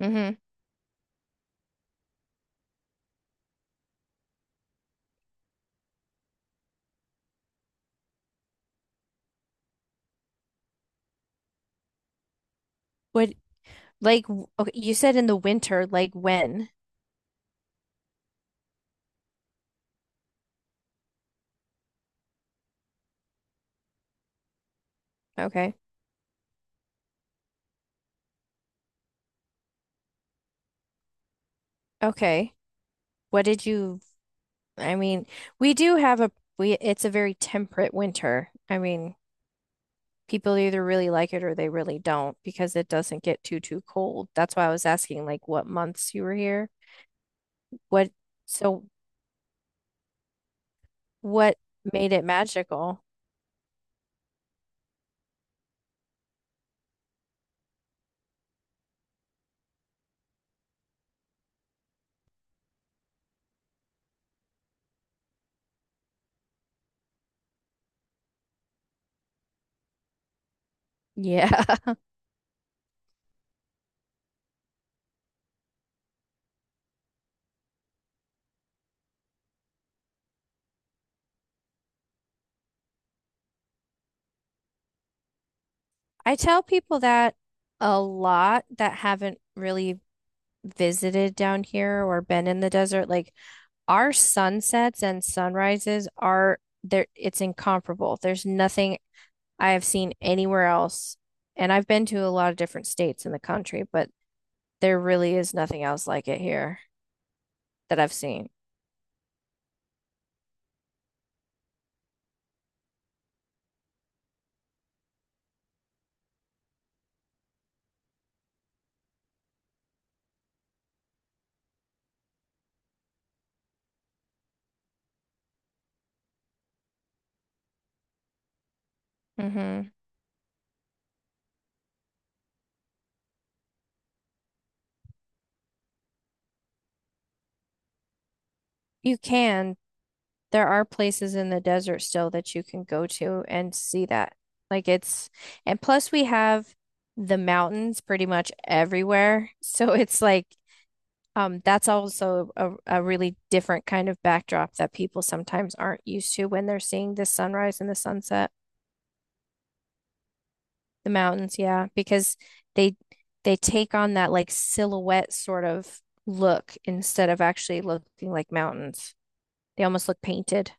Hmm. What Like, okay, you said in the winter, like when? Okay. Okay. What did you, I mean, we do have a, we, it's a very temperate winter. I mean, people either really like it or they really don't because it doesn't get too, too cold. That's why I was asking, like, what months you were here? What, so what made it magical? Yeah. I tell people that a lot that haven't really visited down here or been in the desert. Like, our sunsets and sunrises are there, it's incomparable. There's nothing I have seen anywhere else. And I've been to a lot of different states in the country, but there really is nothing else like it here that I've seen. Hmm. You can. There are places in the desert still that you can go to and see that. Like it's, and plus we have the mountains pretty much everywhere. So it's like that's also a really different kind of backdrop that people sometimes aren't used to when they're seeing the sunrise and the sunset, the mountains, yeah, because they they take on that like silhouette sort of look instead of actually looking like mountains. They almost look painted.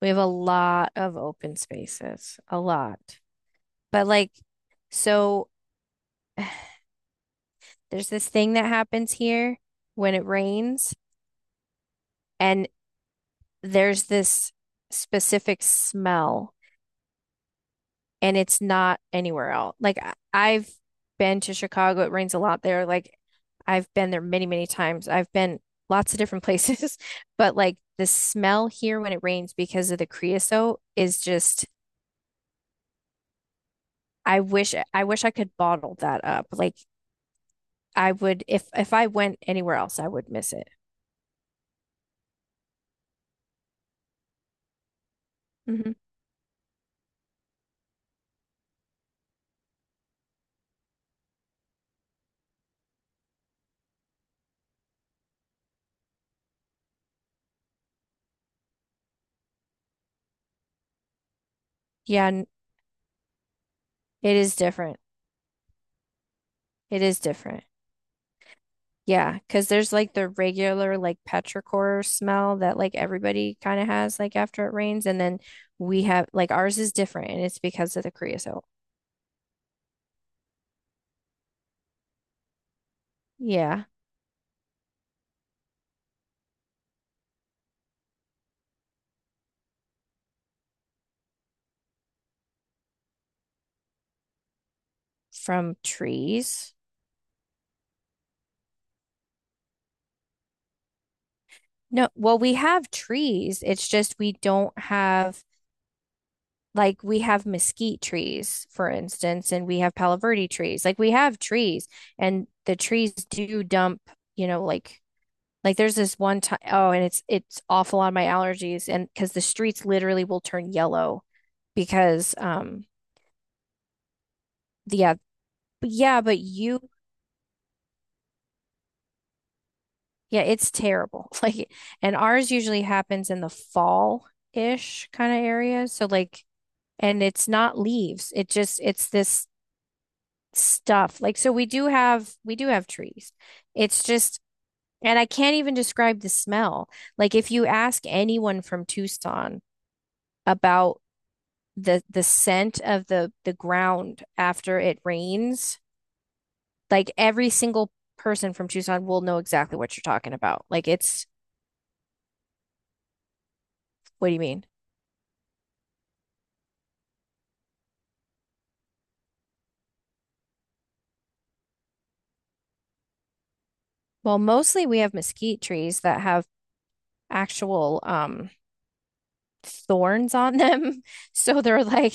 We have a lot of open spaces, a lot. But like, so, there's this thing that happens here when it rains, and there's this specific smell, and it's not anywhere else. Like I have been to Chicago, it rains a lot there. Like I've been there many, many times. I've been lots of different places, but like the smell here when it rains because of the creosote is just, I wish I could bottle that up. Like I would, if I went anywhere else, I would miss it. Hmm. Yeah, it is different. It is different. Yeah, because there's like the regular like petrichor smell that like everybody kind of has like after it rains, and then we have like ours is different, and it's because of the creosote. Yeah, from trees. No, well, we have trees. It's just we don't have like we have mesquite trees, for instance, and we have palo verde trees. Like we have trees, and the trees do dump, you know, like Like there's this one time, oh, and it's awful on my allergies, and because the streets literally will turn yellow because yeah, yeah, but you, yeah, it's terrible. Like and ours usually happens in the fall ish kind of area. So like and it's not leaves. It's this stuff. Like so we do have trees. It's just, and I can't even describe the smell. Like if you ask anyone from Tucson about the scent of the ground after it rains, like every single person from Tucson will know exactly what you're talking about. Like it's What do you mean? Well, mostly we have mesquite trees that have actual thorns on them. So they're like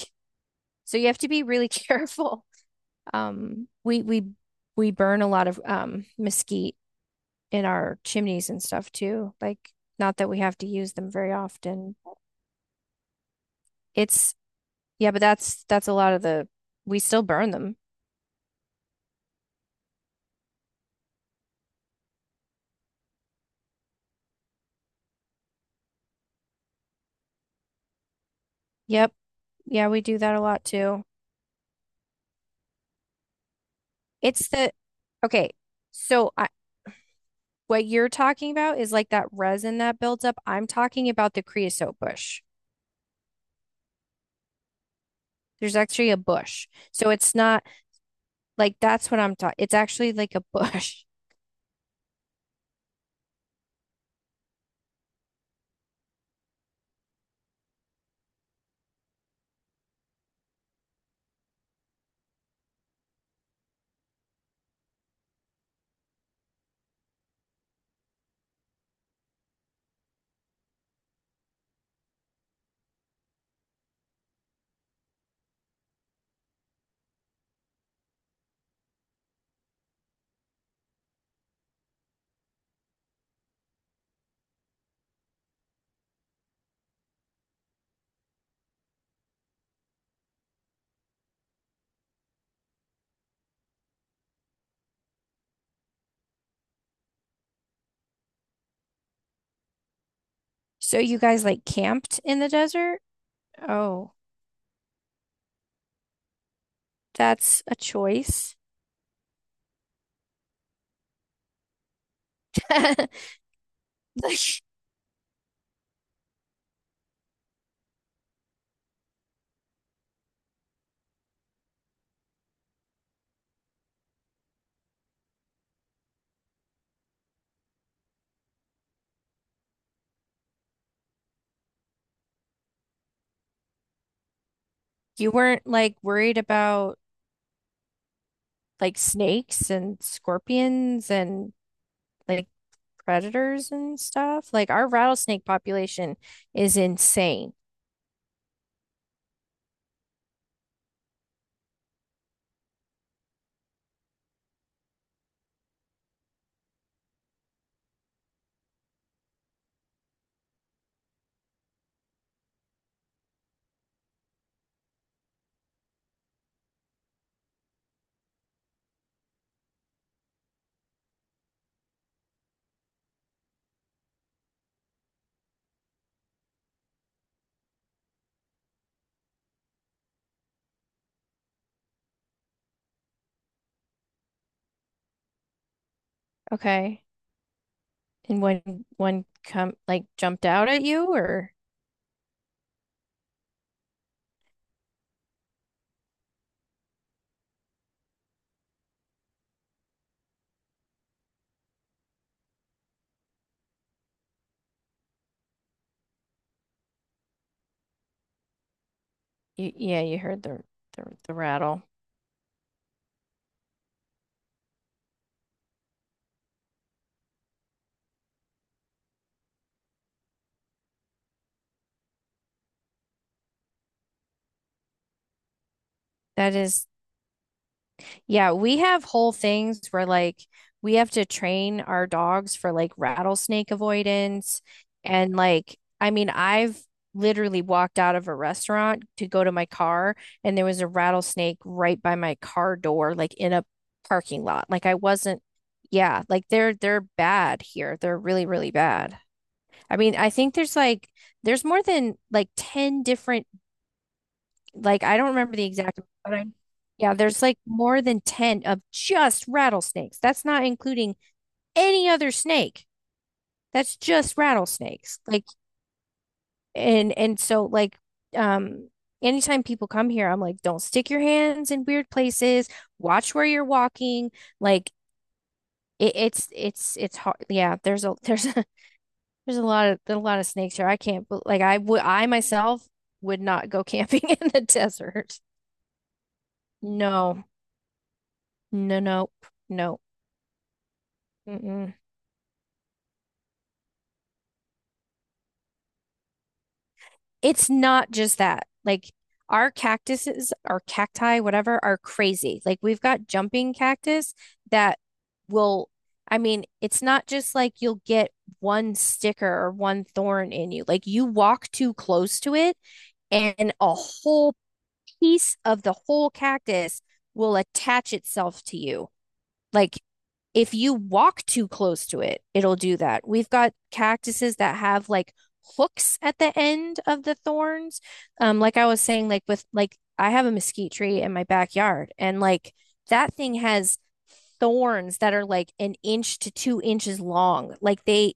so you have to be really careful. Um we we we burn a lot of mesquite in our chimneys and stuff too. Like not that we have to use them very often. It's Yeah, but that's a lot of the, we still burn them. Yep. Yeah, we do that a lot too. It's the Okay. So I, what you're talking about is like that resin that builds up. I'm talking about the creosote bush. There's actually a bush. So it's not like that's what I'm talking. It's actually like a bush. So you guys like camped in the desert? Oh, that's a choice. Like you weren't like worried about like snakes and scorpions and like predators and stuff. Like our rattlesnake population is insane. Okay. And when one come like jumped out at you, or— yeah, you heard the the rattle. That is Yeah, we have whole things where like we have to train our dogs for like rattlesnake avoidance. And like, I mean, I've literally walked out of a restaurant to go to my car and there was a rattlesnake right by my car door, like in a parking lot. Like I wasn't, yeah, like they're bad here. They're really, really bad. I mean, I think there's more than like 10 different, like I don't remember the exact, but I, yeah, there's like more than 10 of just rattlesnakes. That's not including any other snake. That's just rattlesnakes. Like and so like um anytime people come here, I'm like, don't stick your hands in weird places. Watch where you're walking. Like it, it's hard. Yeah, there's a there's a lot of snakes here. I can't bel- Like I myself would not go camping in the desert. No, no, nope, nope. Mm-mm. It's not just that. Like our cactuses, our cacti, whatever, are crazy. Like we've got jumping cactus that will, I mean, it's not just like you'll get one sticker or one thorn in you. Like you walk too close to it and a whole piece of the whole cactus will attach itself to you. Like if you walk too close to it, it'll do that. We've got cactuses that have like hooks at the end of the thorns. Like I was saying, like with like I have a mesquite tree in my backyard, and like that thing has thorns that are like an inch to 2 inches long. Like they,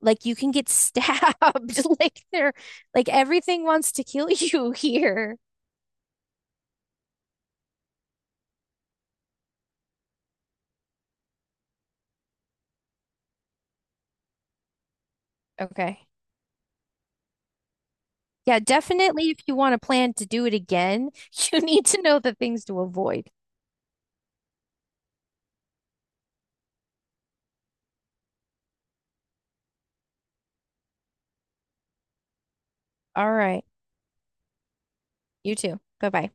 like you can get stabbed. Like they're like everything wants to kill you here. Okay. Yeah, definitely if you want to plan to do it again, you need to know the things to avoid. All right. You too. Bye bye.